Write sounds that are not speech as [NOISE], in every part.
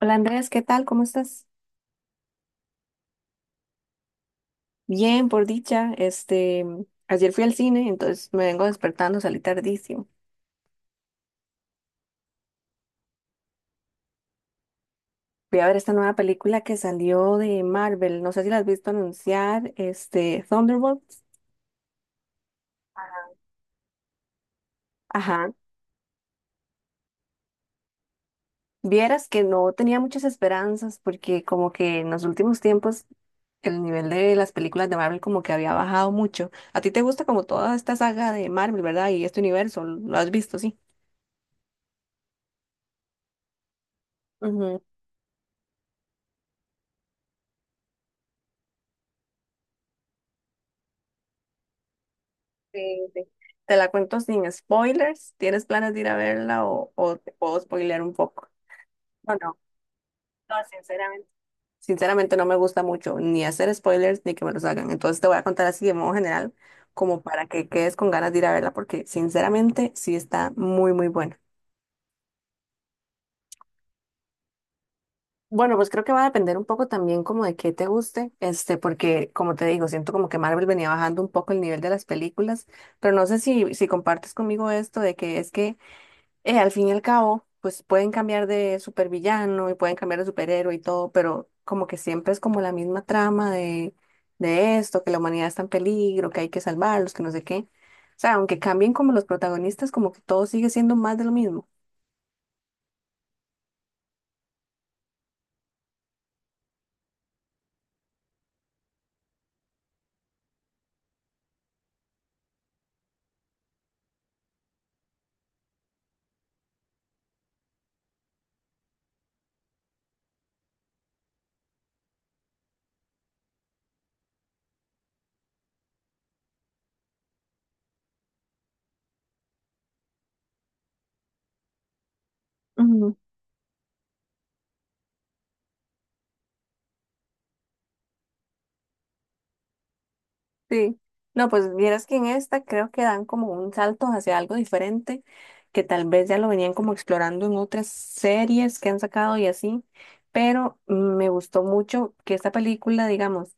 Hola Andrés, ¿qué tal? ¿Cómo estás? Bien, por dicha. Ayer fui al cine, entonces me vengo despertando, salí tardísimo. Voy a ver esta nueva película que salió de Marvel. No sé si la has visto anunciar, Thunderbolts. Ajá. Vieras que no tenía muchas esperanzas porque como que en los últimos tiempos el nivel de las películas de Marvel como que había bajado mucho. A ti te gusta como toda esta saga de Marvel, ¿verdad? Y este universo, ¿lo has visto, sí? Ujú. Sí, sí. Te la cuento sin spoilers. ¿Tienes planes de ir a verla o te puedo spoilear un poco? No, no, no, sinceramente. Sinceramente no me gusta mucho ni hacer spoilers ni que me los hagan. Entonces te voy a contar así de modo general, como para que quedes con ganas de ir a verla, porque sinceramente sí está muy, muy buena. Bueno, pues creo que va a depender un poco también como de qué te guste, porque como te digo, siento como que Marvel venía bajando un poco el nivel de las películas, pero no sé si compartes conmigo esto de que es que al fin y al cabo, pues pueden cambiar de supervillano y pueden cambiar de superhéroe y todo, pero como que siempre es como la misma trama de esto, que la humanidad está en peligro, que hay que salvarlos, que no sé qué. O sea, aunque cambien como los protagonistas, como que todo sigue siendo más de lo mismo. Ujú. Sí. No, pues vieras que en esta creo que dan como un salto hacia algo diferente, que tal vez ya lo venían como explorando en otras series que han sacado y así, pero me gustó mucho que esta película, digamos,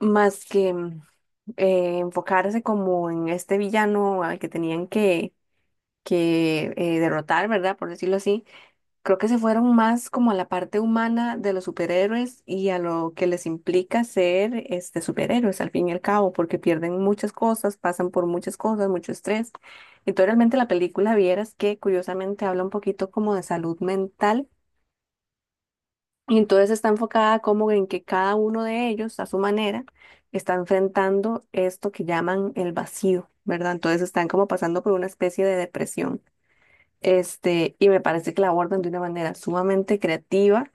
más que enfocarse como en este villano al que tenían que derrotar, ¿verdad? Por decirlo así, creo que se fueron más como a la parte humana de los superhéroes y a lo que les implica ser superhéroes al fin y al cabo, porque pierden muchas cosas, pasan por muchas cosas, mucho estrés. Y tú realmente la película vieras que curiosamente habla un poquito como de salud mental y entonces está enfocada como en que cada uno de ellos, a su manera, está enfrentando esto que llaman el vacío, ¿verdad? Entonces están como pasando por una especie de depresión. Y me parece que la abordan de una manera sumamente creativa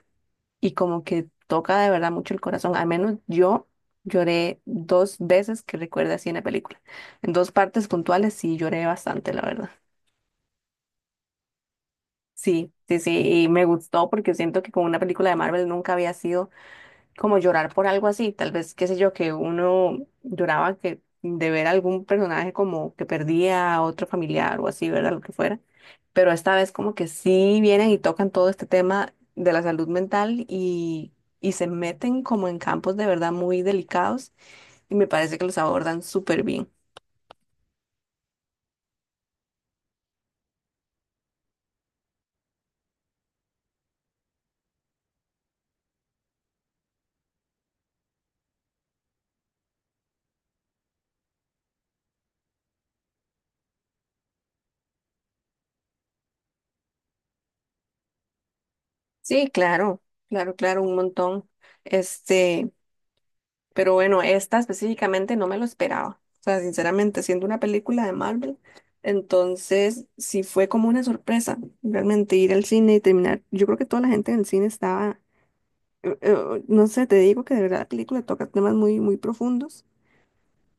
y como que toca de verdad mucho el corazón. Al menos yo lloré dos veces que recuerde así en la película. En dos partes puntuales sí lloré bastante, la verdad. Sí, sí, sí, y me gustó porque siento que con una película de Marvel nunca había sido como llorar por algo así, tal vez, qué sé yo, que uno lloraba que de ver algún personaje como que perdía a otro familiar o así, ¿verdad? Lo que fuera. Pero esta vez como que sí vienen y tocan todo este tema de la salud mental y se meten como en campos de verdad muy delicados y me parece que los abordan súper bien. Sí, claro, claro, claro, un montón. Este, Pero bueno, esta específicamente no me lo esperaba. O sea, sinceramente, siendo una película de Marvel, entonces sí fue como una sorpresa realmente ir al cine y terminar. Yo creo que toda la gente en el cine estaba, no sé, te digo que de verdad la película toca temas muy, muy profundos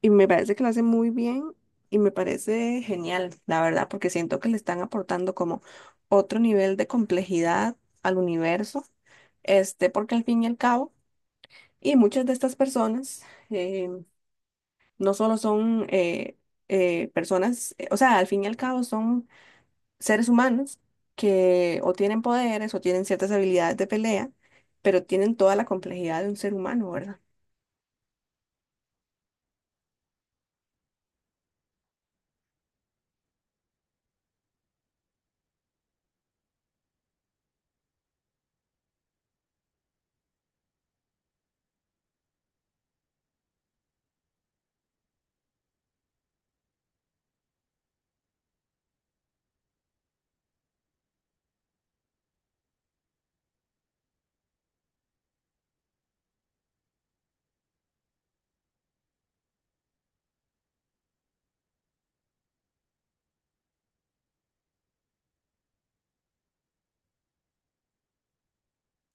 y me parece que lo hace muy bien y me parece genial, la verdad, porque siento que le están aportando como otro nivel de complejidad al universo, porque al fin y al cabo, y muchas de estas personas. eh, no solo son personas, o sea, al fin y al cabo son seres humanos que o tienen poderes o tienen ciertas habilidades de pelea, pero tienen toda la complejidad de un ser humano, ¿verdad?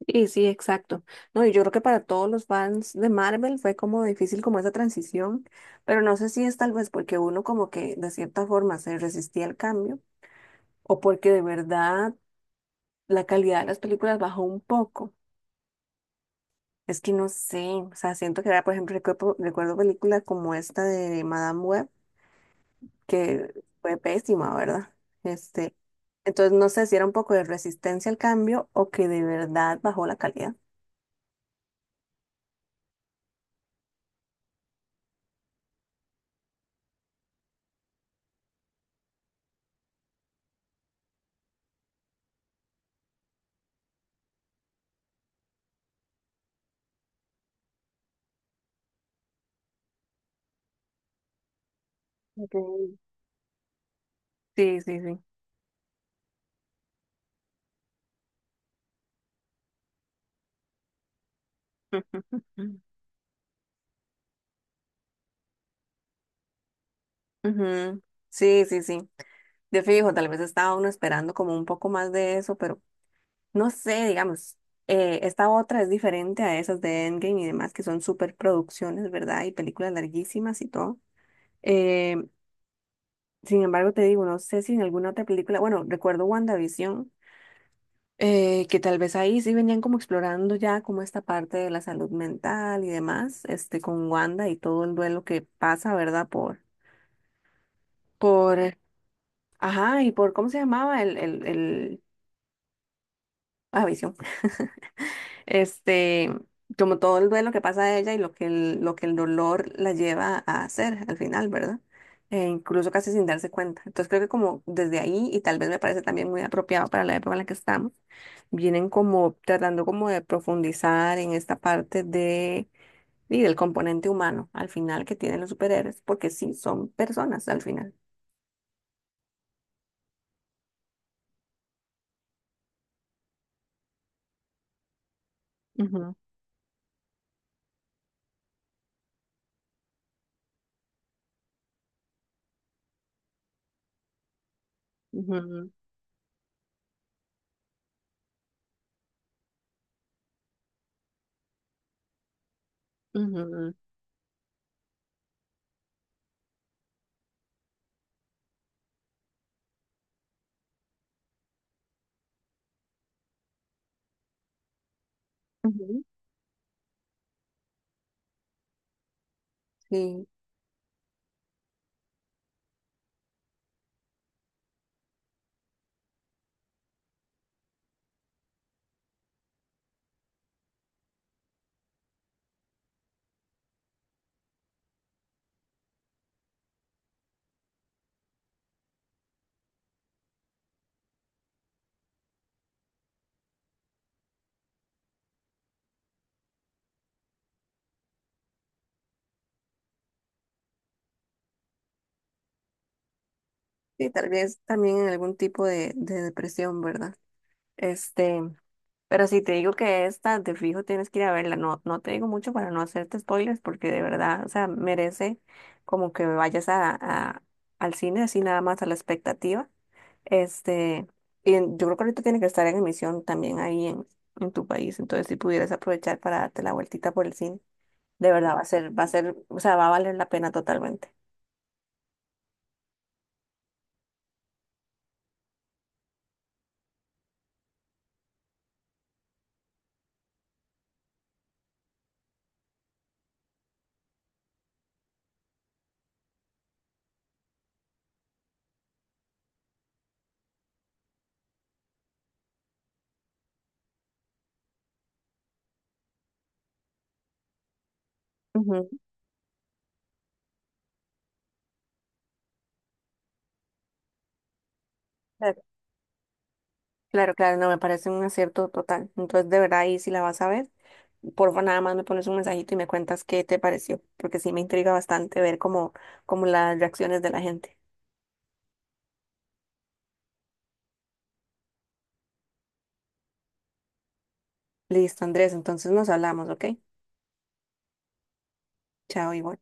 Y sí, exacto. No, y yo creo que para todos los fans de Marvel fue como difícil como esa transición, pero no sé si es tal vez porque uno como que de cierta forma se resistía al cambio o porque de verdad la calidad de las películas bajó un poco. Es que no sé, o sea, siento que era, por ejemplo, recuerdo películas como esta de Madame Web, que fue pésima, ¿verdad? Este, entonces no sé si era un poco de resistencia al cambio o que de verdad bajó la calidad. Ok. Sí, sí, sí. [LAUGHS] Ujú. Sí, sí, sí. De fijo, tal vez estaba uno esperando como un poco más de eso, pero no sé, digamos, esta otra es diferente a esas de Endgame y demás, que son super producciones, ¿verdad? Y películas larguísimas y todo. Eh, Sin embargo, te digo, no sé si en alguna otra película, bueno, recuerdo WandaVision, que tal vez ahí sí venían como explorando ya como esta parte de la salud mental y demás, con Wanda y todo el duelo que pasa, ¿verdad? Por, ajá, y por, ¿cómo se llamaba? Ah, Visión. Este, Como todo el duelo que pasa a ella y lo que el dolor la lleva a hacer al final, ¿verdad? E incluso casi sin darse cuenta. Entonces creo que como desde ahí, y tal vez me parece también muy apropiado para la época en la que estamos, vienen como tratando como de profundizar en esta parte de, y del componente humano al final que tienen los superhéroes, porque sí, son personas al final. Ujú, ujú, ujú, ujú. Sí, y tal vez también en algún tipo de depresión, ¿verdad? Este, pero si te digo que esta de fijo tienes que ir a verla, no, no te digo mucho para no hacerte spoilers, porque de verdad, o sea, merece como que vayas a- al cine, así nada más a la expectativa. Este, y en- yo creo que ahorita tiene que estar en emisión también ahí en tu país, entonces si pudieras aprovechar para darte la vueltita por el cine, de verdad o sea, va a valer la pena totalmente. Ujú. Claro, claro, claro, no, me parece un acierto total. Entonces, de verdad, ahí sí la vas a ver. Porfa, nada más me pones un mensajito y me cuentas qué te pareció, porque sí me intriga bastante ver cómo, cómo las reacciones de la gente. Listo, Andrés, entonces nos hablamos, ¿ok? Chao, igual.